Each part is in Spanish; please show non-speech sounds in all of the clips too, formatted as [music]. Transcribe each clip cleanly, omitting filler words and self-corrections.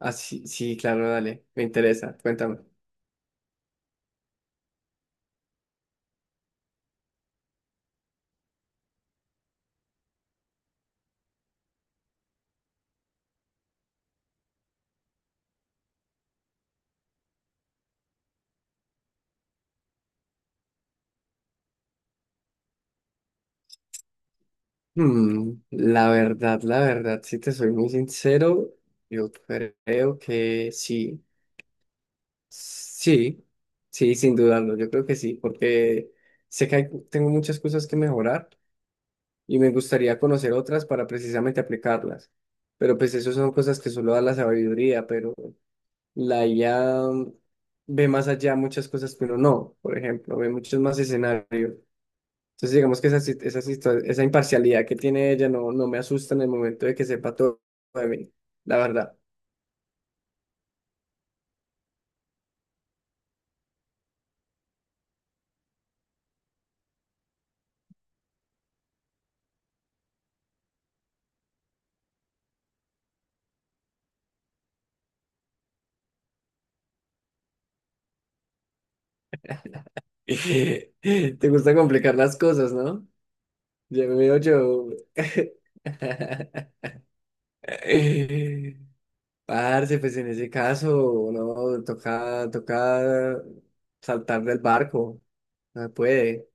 Ah, sí, sí, claro, dale, me interesa, cuéntame. La verdad, la verdad, si te soy muy sincero, yo creo que sí, sí, sí, sin dudarlo, yo creo que sí, porque tengo muchas cosas que mejorar y me gustaría conocer otras para precisamente aplicarlas, pero pues eso son cosas que solo da la sabiduría, pero la IA ve más allá muchas cosas que uno no, por ejemplo, ve muchos más escenarios. Entonces, digamos que esa, sit- esa, situa- esa imparcialidad que tiene ella no, no me asusta en el momento de que sepa todo de mí, la verdad. [laughs] Te gusta complicar las cosas, ¿no? Ya me veo yo. [laughs] Parce, pues en ese caso, no, toca, toca saltar del barco. No se puede,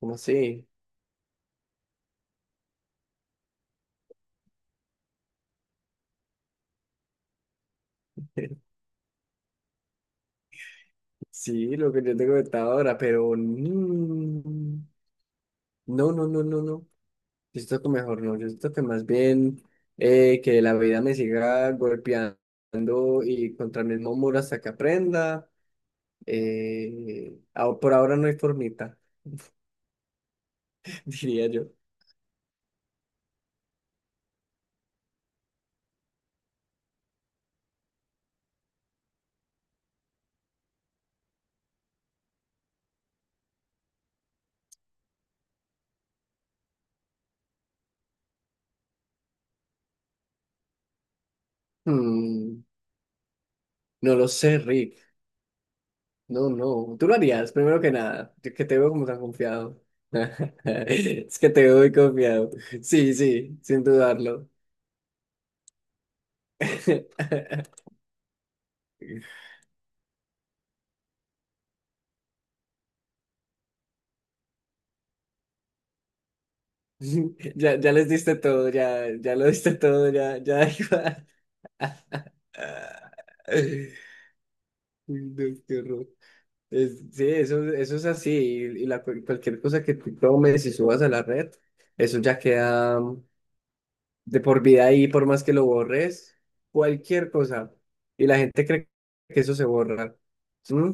¿cómo así? [laughs] Sí, lo que yo te comentaba ahora, pero no, no, no, no, no. Yo siento que mejor no, yo siento que más bien que la vida me siga golpeando y contra el mismo muro hasta que aprenda. Por ahora no hay formita, [laughs] diría yo. Mm, no lo sé, Rick. No, no. Tú lo harías, primero que nada. Yo que te veo como tan confiado. [laughs] Es que te veo muy confiado. Sí, sí, sin dudarlo. [laughs] Ya, ya les diste todo, ya, ya lo diste todo, ya, ya [laughs] da igual. [laughs] Dios, qué horror. Sí, eso, eso es así. Y la, cualquier cosa que tú tomes y subas a la red, eso ya queda de por vida ahí, por más que lo borres, cualquier cosa. Y la gente cree que eso se borra. ¿Mm?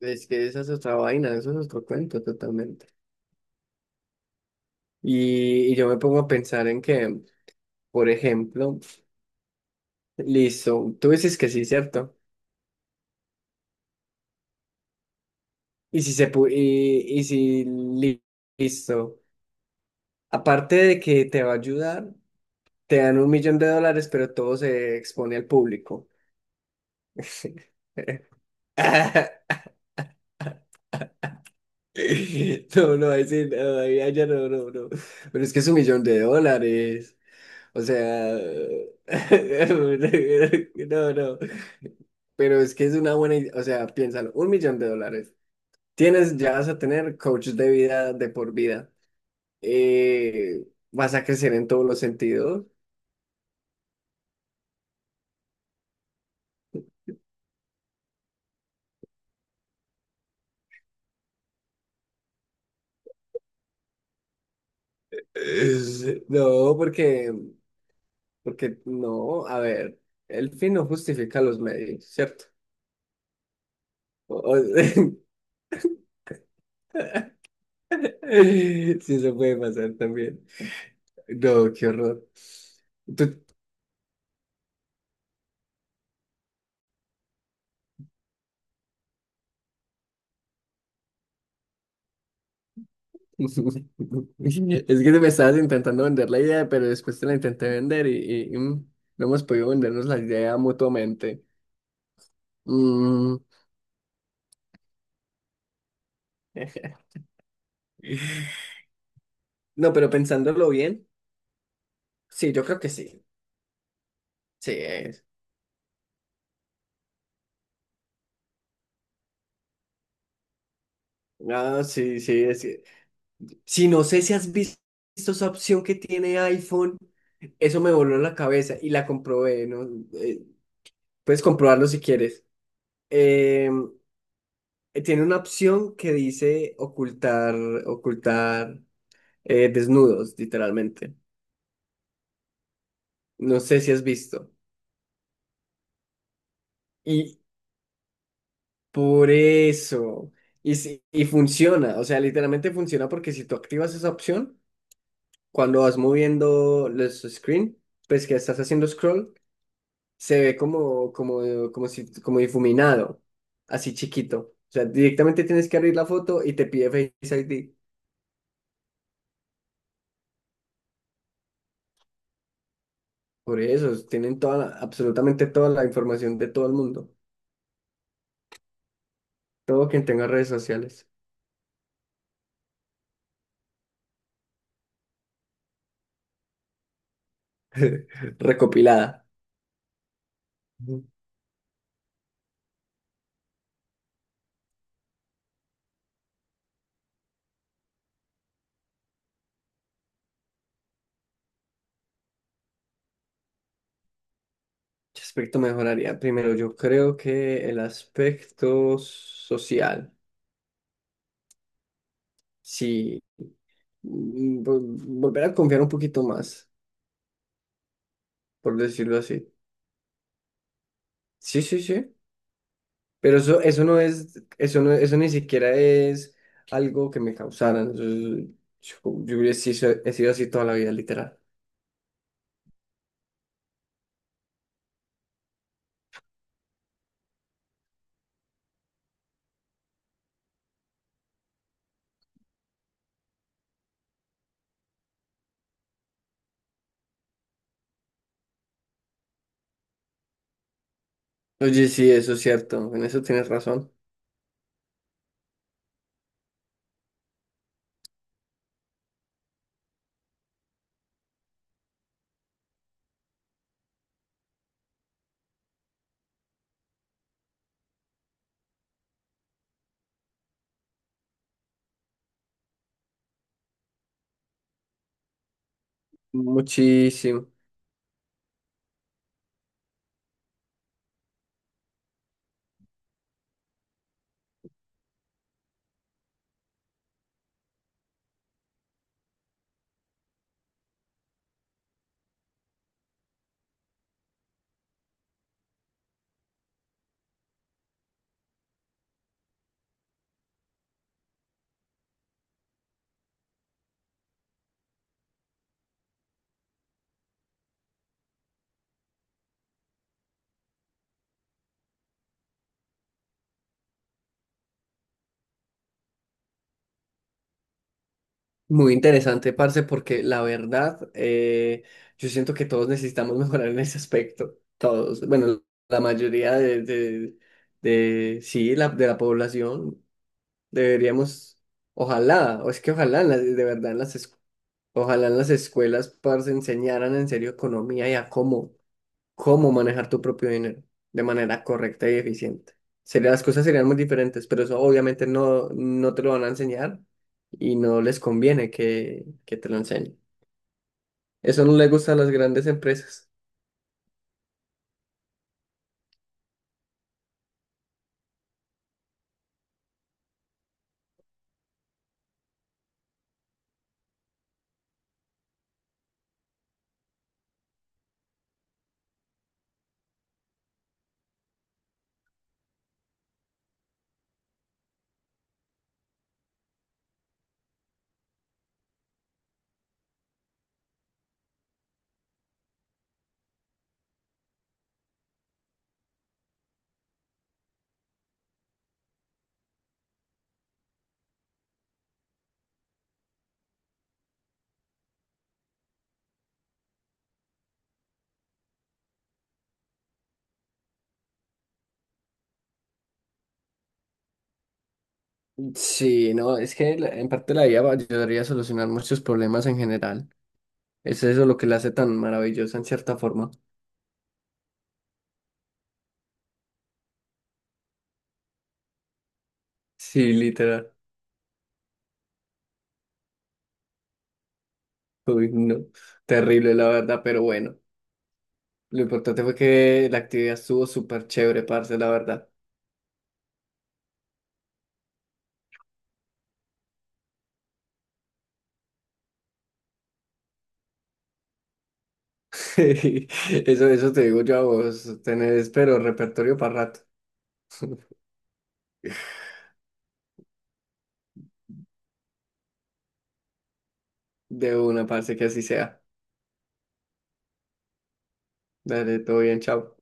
Es que esa es otra vaina, eso es otro cuento totalmente. Y yo me pongo a pensar en que, por ejemplo, listo, tú dices que sí, ¿cierto? Y si se pu- y si li- Listo. Aparte de que te va a ayudar, te dan 1 millón de dólares, pero todo se expone al público. [laughs] No, no, ahí sí, no, ahí ya no, no, no. Pero es que es 1 millón de dólares. O sea, [laughs] no, no. Pero es que es una buena idea. O sea, piénsalo, 1 millón de dólares. Tienes, ya vas a tener coach de vida de por vida. eh, Vas a crecer en todos los sentidos. No, porque, porque no, a ver, el fin no justifica los medios, ¿cierto? O- o- [laughs] sí, eso puede pasar también. No, qué horror. Tú- [laughs] Es que me estabas intentando vender la idea, pero después te la intenté vender y, no hemos podido vendernos la idea mutuamente. Mm. [laughs] No, pero pensándolo bien, sí, yo creo que sí. Sí, es. Ah, sí, sí, sí, no sé si has visto esa opción que tiene iPhone. Eso me voló la cabeza y la comprobé, ¿no? Eh, Puedes comprobarlo si quieres. Eh, Tiene una opción que dice ocultar, ocultar desnudos, literalmente. No sé si has visto. Y por eso. Y, si- y funciona, o sea, literalmente funciona porque si tú activas esa opción, cuando vas moviendo los screen, pues que estás haciendo scroll, se ve como, como, como si, como difuminado, así chiquito. O sea, directamente tienes que abrir la foto y te pide Face ID. Por eso, tienen absolutamente toda la información de todo el mundo. Todo quien tenga redes sociales [laughs] recopilada. Ujú. ¿Qué aspecto mejoraría? Primero, yo creo que el aspecto social. Sí, volver a confiar un poquito más, por decirlo así. Sí, sí, sí. Pero eso no es, eso no, eso ni siquiera es algo que me causaran. Eso yo, he sido así toda la vida, literal. Oye, sí, eso es cierto. En eso tienes razón. Muchísimo. Muy interesante, parce, porque la verdad, yo siento que todos necesitamos [laughs] mejorar en ese aspecto. Todos. Bueno, la mayoría sí, la, de la población deberíamos, ojalá, o es que ojalá, de verdad, en las escuelas. Ojalá en las escuelas, parce, enseñaran en serio economía y a cómo, cómo manejar tu propio dinero de manera correcta y eficiente. Sería, las cosas serían muy diferentes, pero eso obviamente no, no te lo van a enseñar y no les conviene que te lo enseñen. Eso no le gusta a las grandes empresas. Sí, no, es que en parte la IA ayudaría a solucionar muchos problemas en general. Es eso lo que la hace tan maravillosa en cierta forma. Sí, literal. Uy, no. Terrible, la verdad, pero bueno. Lo importante fue que la actividad estuvo súper chévere, parce, la verdad. [laughs] Eso te digo yo a vos, tenés, pero repertorio para rato. De una, parce, que así sea. Dale, todo bien, chao.